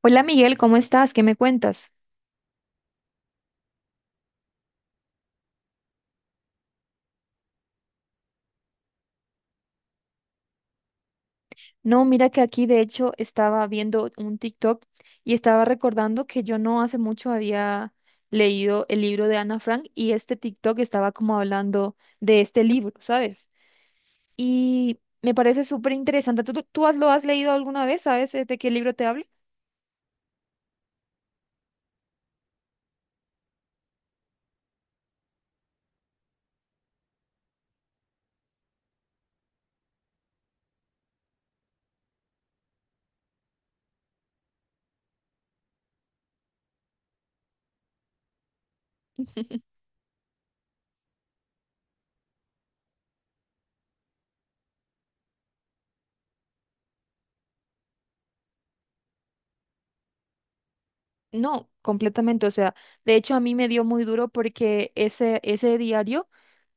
Hola Miguel, ¿cómo estás? ¿Qué me cuentas? No, mira que aquí de hecho estaba viendo un TikTok y estaba recordando que yo no hace mucho había leído el libro de Ana Frank y este TikTok estaba como hablando de este libro, ¿sabes? Y me parece súper interesante. ¿Tú lo has leído alguna vez? ¿Sabes de qué libro te hablo? No, completamente. O sea, de hecho a mí me dio muy duro porque ese diario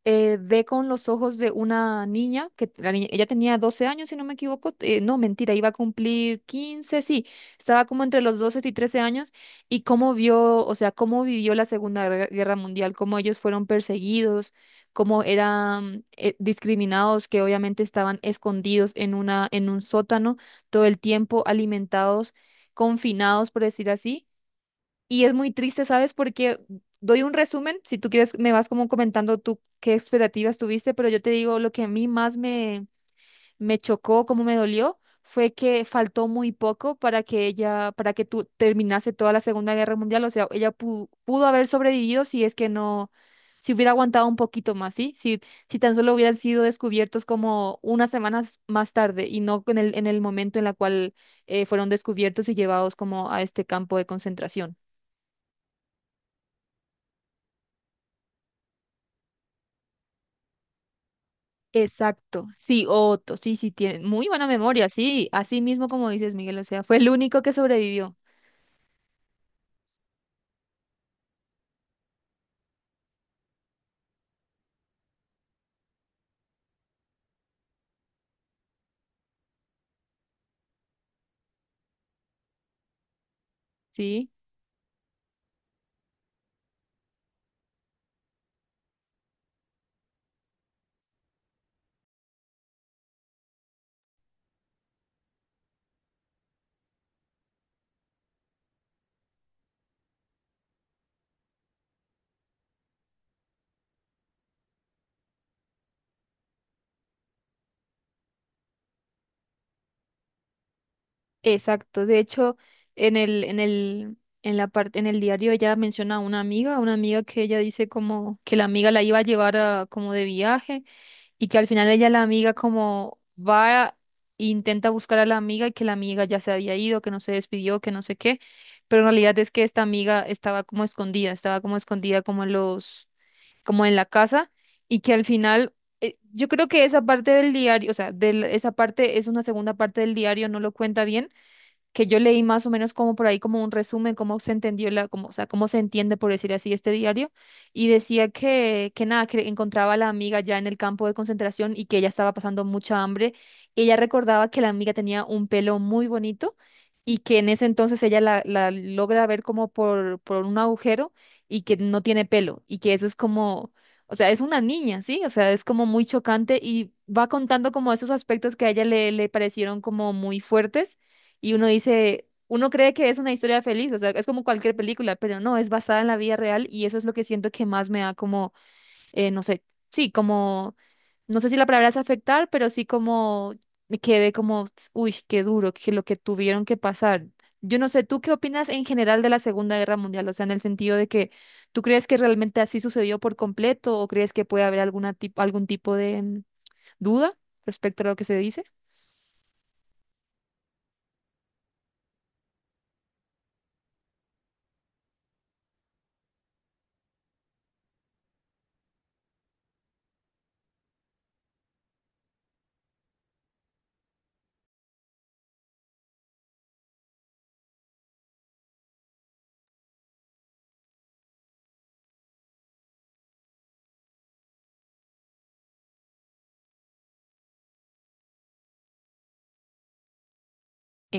ve con los ojos de una niña, que ella tenía 12 años, si no me equivoco, no, mentira, iba a cumplir quince, sí, estaba como entre los 12 y 13 años, y cómo vio, o sea, cómo vivió la Segunda Guerra Mundial, cómo ellos fueron perseguidos, cómo eran discriminados, que obviamente estaban escondidos en en un sótano todo el tiempo, alimentados, confinados, por decir así, y es muy triste, ¿sabes? Porque doy un resumen, si tú quieres, me vas como comentando tú qué expectativas tuviste, pero yo te digo lo que a mí más me chocó, cómo me dolió, fue que faltó muy poco para que tú terminase toda la Segunda Guerra Mundial. O sea, ella pudo haber sobrevivido si es que si hubiera aguantado un poquito más, ¿sí? Si, si tan solo hubieran sido descubiertos como unas semanas más tarde y no en en el momento en la cual fueron descubiertos y llevados como a este campo de concentración. Exacto, sí, Otto, sí, sí, tiene muy buena memoria, sí, así mismo como dices, Miguel, o sea, fue el único que sobrevivió, sí. Exacto. De hecho, en el, en el, en la parte, en el diario ella menciona a una amiga que ella dice como que la amiga la iba a como de viaje y que al final ella la amiga como va e intenta buscar a la amiga y que la amiga ya se había ido, que no se despidió, que no sé qué. Pero en realidad es que esta amiga estaba como escondida como en los como en la casa, y que al final, yo creo que esa parte del diario, o sea, esa parte es una segunda parte del diario, no lo cuenta bien que yo leí más o menos como por ahí como un resumen, cómo se entendió la, como, o sea, cómo se entiende, por decir así, este diario, y decía que nada, que encontraba a la amiga ya en el campo de concentración y que ella estaba pasando mucha hambre. Ella recordaba que la amiga tenía un pelo muy bonito y que en ese entonces ella la logra ver como por un agujero y que no tiene pelo y que eso es como... O sea, es una niña, ¿sí? O sea, es como muy chocante y va contando como esos aspectos que a ella le parecieron como muy fuertes y uno dice, uno cree que es una historia feliz, o sea, es como cualquier película, pero no, es basada en la vida real y eso es lo que siento que más me da como, no sé, sí, como, no sé si la palabra es afectar, pero sí como me quedé como, uy, qué duro, que lo que tuvieron que pasar. Yo no sé, ¿tú qué opinas en general de la Segunda Guerra Mundial? O sea, en el sentido de que ¿tú crees que realmente así sucedió por completo o crees que puede haber alguna algún tipo de duda respecto a lo que se dice?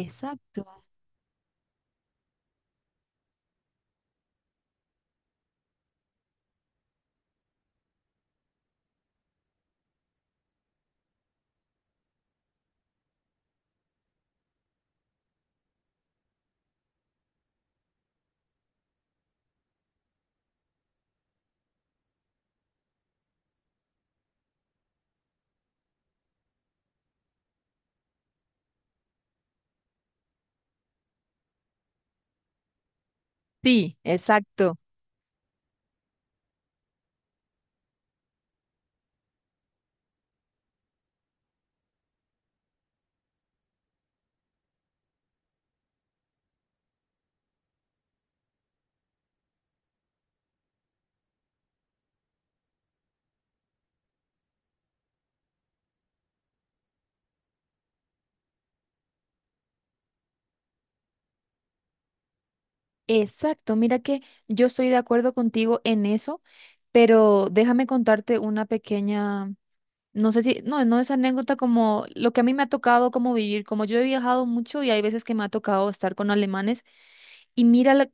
Exacto. Sí, exacto. Exacto, mira que yo estoy de acuerdo contigo en eso, pero déjame contarte una pequeña, no sé si, no, no es anécdota como lo que a mí me ha tocado como vivir, como yo he viajado mucho y hay veces que me ha tocado estar con alemanes y mira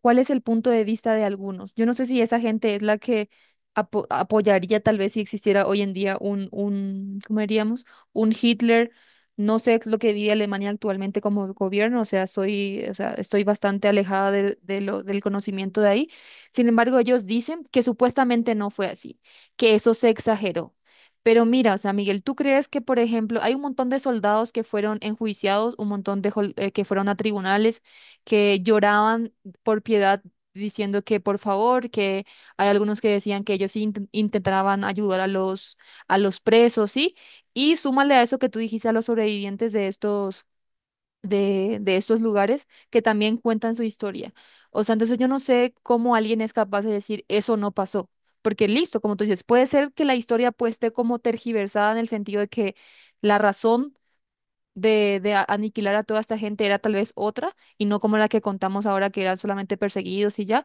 cuál es el punto de vista de algunos. Yo no sé si esa gente es la que apoyaría tal vez si existiera hoy en día un, ¿cómo diríamos? Un Hitler. No sé es lo que vive Alemania actualmente como gobierno, o sea, soy, o sea, estoy bastante alejada de lo, del conocimiento de ahí. Sin embargo, ellos dicen que supuestamente no fue así, que eso se exageró. Pero mira, o sea, Miguel, ¿tú crees que, por ejemplo, hay un montón de soldados que fueron enjuiciados, un montón de que fueron a tribunales? Que lloraban por piedad diciendo que por favor, que hay algunos que decían que ellos sí intentaban ayudar a a los presos, ¿sí? Y súmale a eso que tú dijiste a los sobrevivientes de de estos lugares que también cuentan su historia. O sea, entonces yo no sé cómo alguien es capaz de decir eso no pasó. Porque listo, como tú dices, puede ser que la historia pues esté como tergiversada en el sentido de que la razón aniquilar a toda esta gente era tal vez otra y no como la que contamos ahora que eran solamente perseguidos y ya,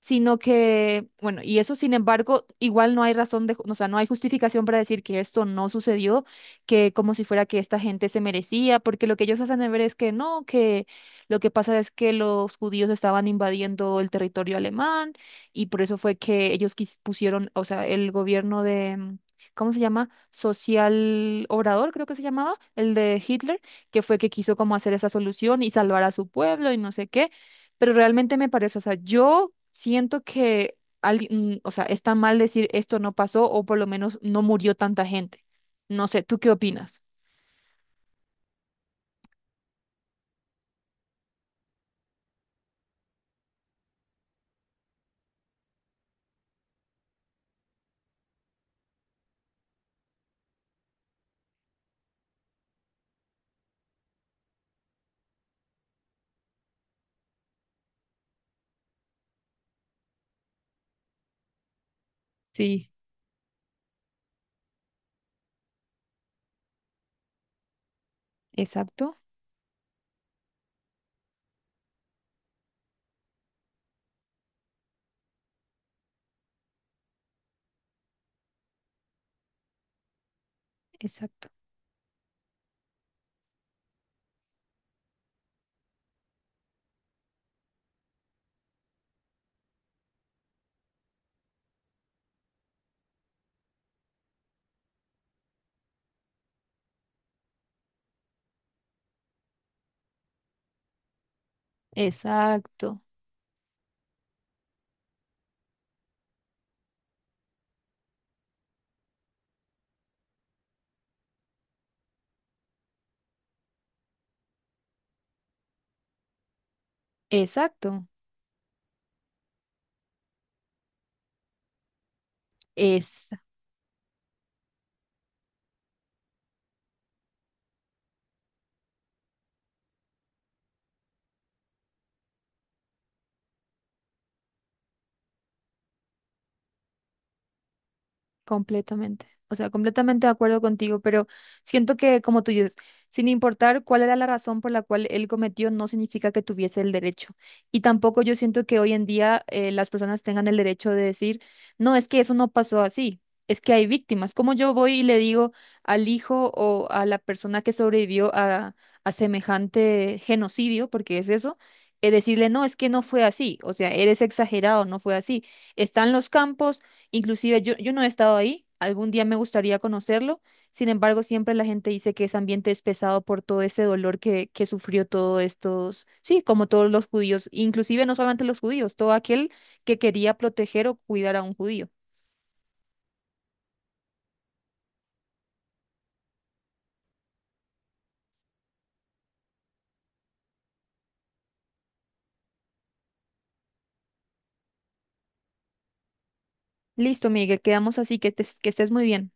sino que, bueno, y eso sin embargo, igual no hay razón o sea, no hay justificación para decir que esto no sucedió, que como si fuera que esta gente se merecía, porque lo que ellos hacen de ver es que no, que lo que pasa es que los judíos estaban invadiendo el territorio alemán y por eso fue que ellos pusieron, o sea, el gobierno de... ¿cómo se llama? Social Obrador, creo que se llamaba, el de Hitler, que fue que quiso como hacer esa solución y salvar a su pueblo y no sé qué, pero realmente me parece, o sea, yo siento que alguien, o sea, está mal decir esto no pasó o por lo menos no murió tanta gente. No sé, ¿tú qué opinas? Sí, exacto, exacto, exacto, exacto. Completamente. O sea, completamente de acuerdo contigo, pero siento que, como tú dices, sin importar cuál era la razón por la cual él cometió, no significa que tuviese el derecho. Y tampoco yo siento que hoy en día las personas tengan el derecho de decir, no, es que eso no pasó así, es que hay víctimas. Como yo voy y le digo al hijo o a la persona que sobrevivió a semejante genocidio, porque es eso, decirle, no, es que no fue así, o sea, eres exagerado, no fue así. Están los campos. Inclusive yo no he estado ahí, algún día me gustaría conocerlo, sin embargo siempre la gente dice que ese ambiente es pesado por todo ese dolor que sufrió todos estos, sí, como todos los judíos, inclusive no solamente los judíos, todo aquel que quería proteger o cuidar a un judío. Listo, Miguel, quedamos así, que estés muy bien.